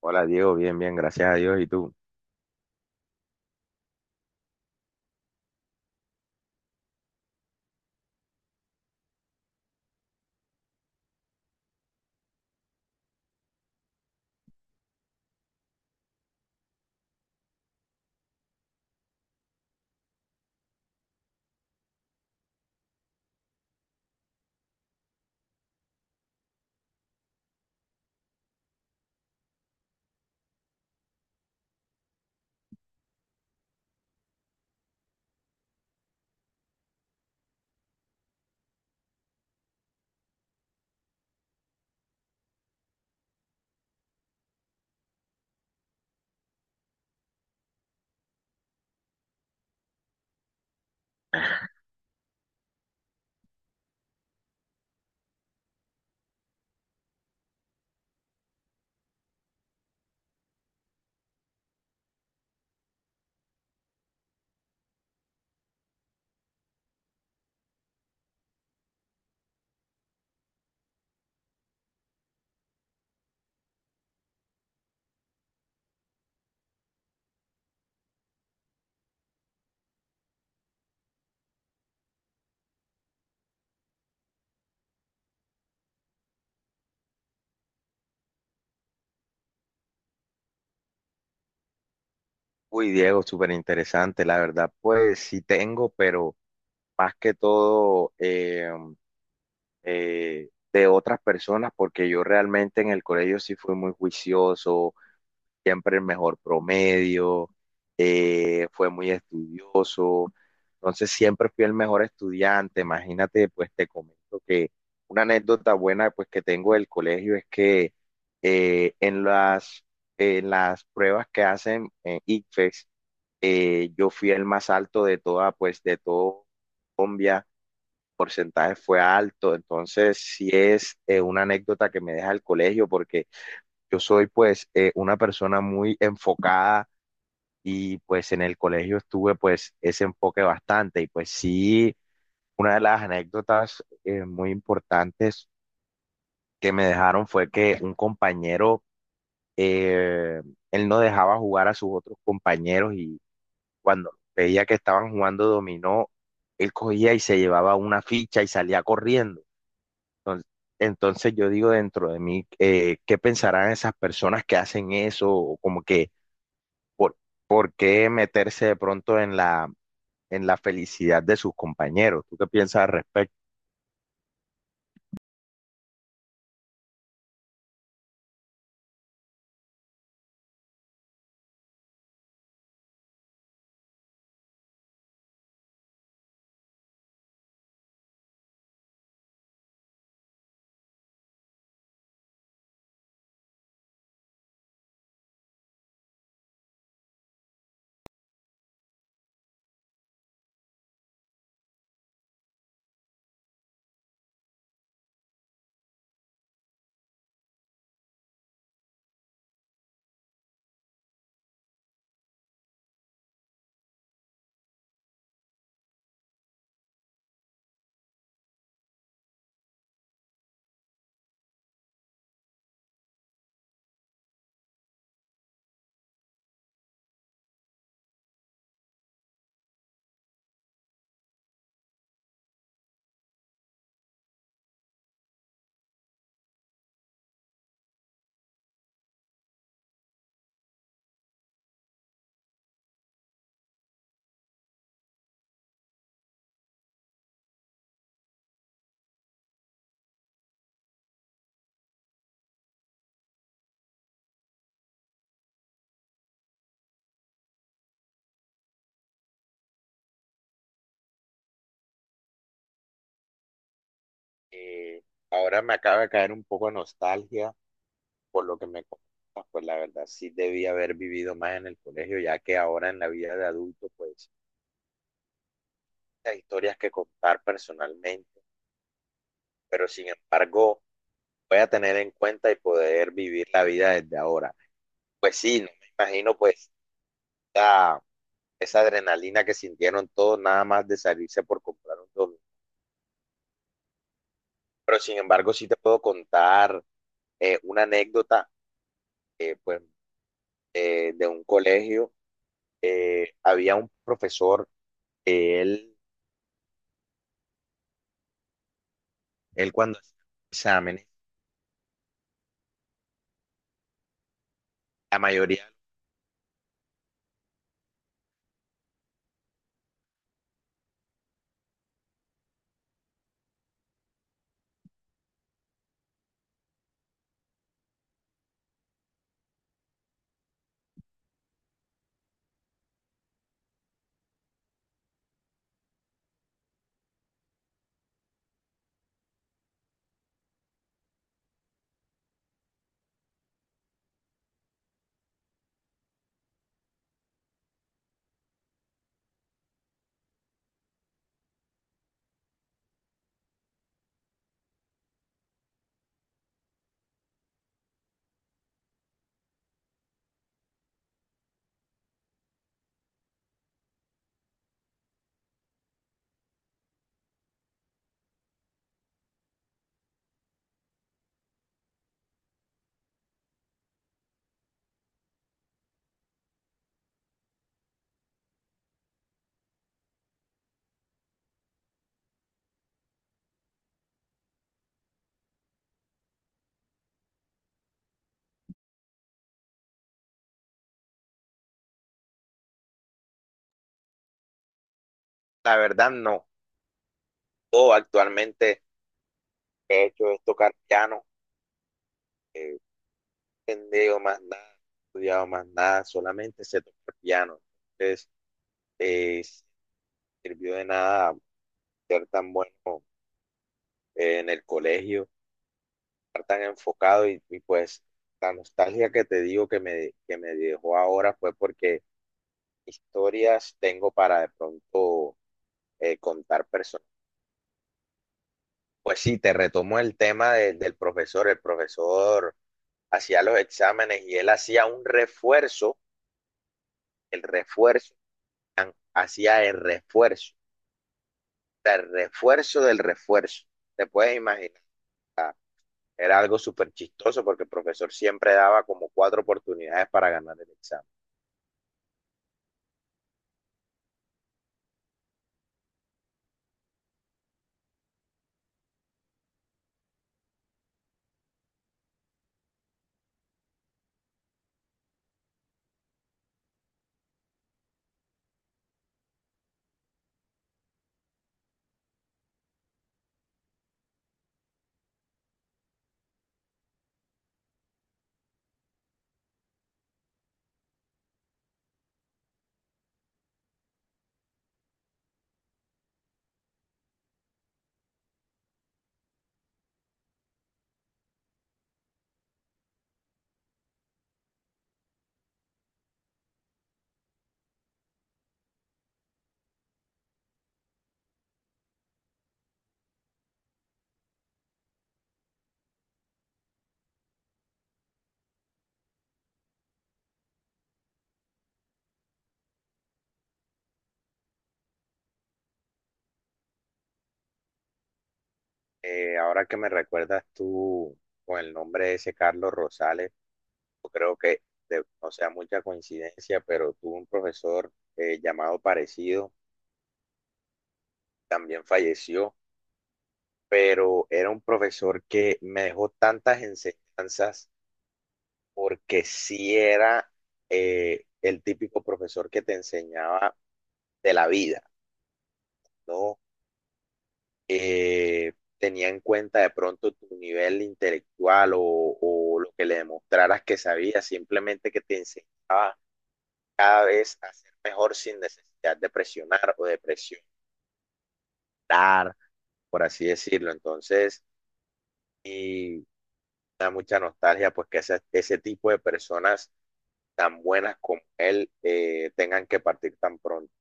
Hola Diego, bien, bien, gracias a Dios. ¿Y tú? Uy, Diego, súper interesante, la verdad. Pues sí tengo, pero más que todo de otras personas, porque yo realmente en el colegio sí fui muy juicioso, siempre el mejor promedio, fue muy estudioso, entonces siempre fui el mejor estudiante, imagínate. Pues te comento que una anécdota buena pues que tengo del colegio es que eh, en las, en las pruebas que hacen en ICFES, yo fui el más alto de toda, pues de todo Colombia. El porcentaje fue alto, entonces sí es una anécdota que me deja el colegio porque yo soy pues una persona muy enfocada, y pues en el colegio estuve pues ese enfoque bastante. Y pues sí, una de las anécdotas muy importantes que me dejaron fue que un compañero, eh, él no dejaba jugar a sus otros compañeros, y cuando veía que estaban jugando dominó, él cogía y se llevaba una ficha y salía corriendo. Entonces, entonces, yo digo dentro de mí, ¿qué pensarán esas personas que hacen eso? O como que, ¿por, ¿por qué meterse de pronto en la felicidad de sus compañeros? ¿Tú qué piensas al respecto? Eh, Ahora me acaba de caer un poco de nostalgia por lo que me comentas. Pues la verdad sí debí haber vivido más en el colegio, ya que ahora en la vida de adulto, pues hay historias que contar personalmente, pero sin embargo voy a tener en cuenta y poder vivir la vida desde ahora. Pues sí, no me imagino pues esa, esa adrenalina que sintieron todos nada más de salirse por comprar un domingo. Pero sin embargo sí te puedo contar una anécdota, eh, pues, de un colegio. Había un profesor, eh, él, él cuando hacía exámenes, la mayoría, la verdad no, todo actualmente he hecho es tocar piano. No he entendido más nada, no he estudiado más nada, solamente sé tocar piano. Entonces sí sirvió de nada ser tan bueno en el colegio, estar tan enfocado. Y pues la nostalgia que te digo que que me dejó ahora fue porque historias tengo para de pronto contar personas. Pues sí, te retomo el tema del profesor. El profesor hacía los exámenes y él hacía un refuerzo, el refuerzo, hacía el refuerzo, o sea, el refuerzo del refuerzo. Te puedes imaginar, era algo súper chistoso porque el profesor siempre daba como cuatro oportunidades para ganar el examen. Ahora que me recuerdas tú con el nombre de ese Carlos Rosales, yo creo que, o sea, mucha coincidencia, pero tuve un profesor llamado parecido, también falleció, pero era un profesor que me dejó tantas enseñanzas porque sí era el típico profesor que te enseñaba de la vida, ¿no? Tenía en cuenta de pronto tu nivel intelectual o lo que le demostraras que sabías, simplemente que te enseñaba cada vez a ser mejor sin necesidad de presionar o de presionar, por así decirlo. Entonces, y da mucha nostalgia pues que ese tipo de personas tan buenas como él tengan que partir tan pronto.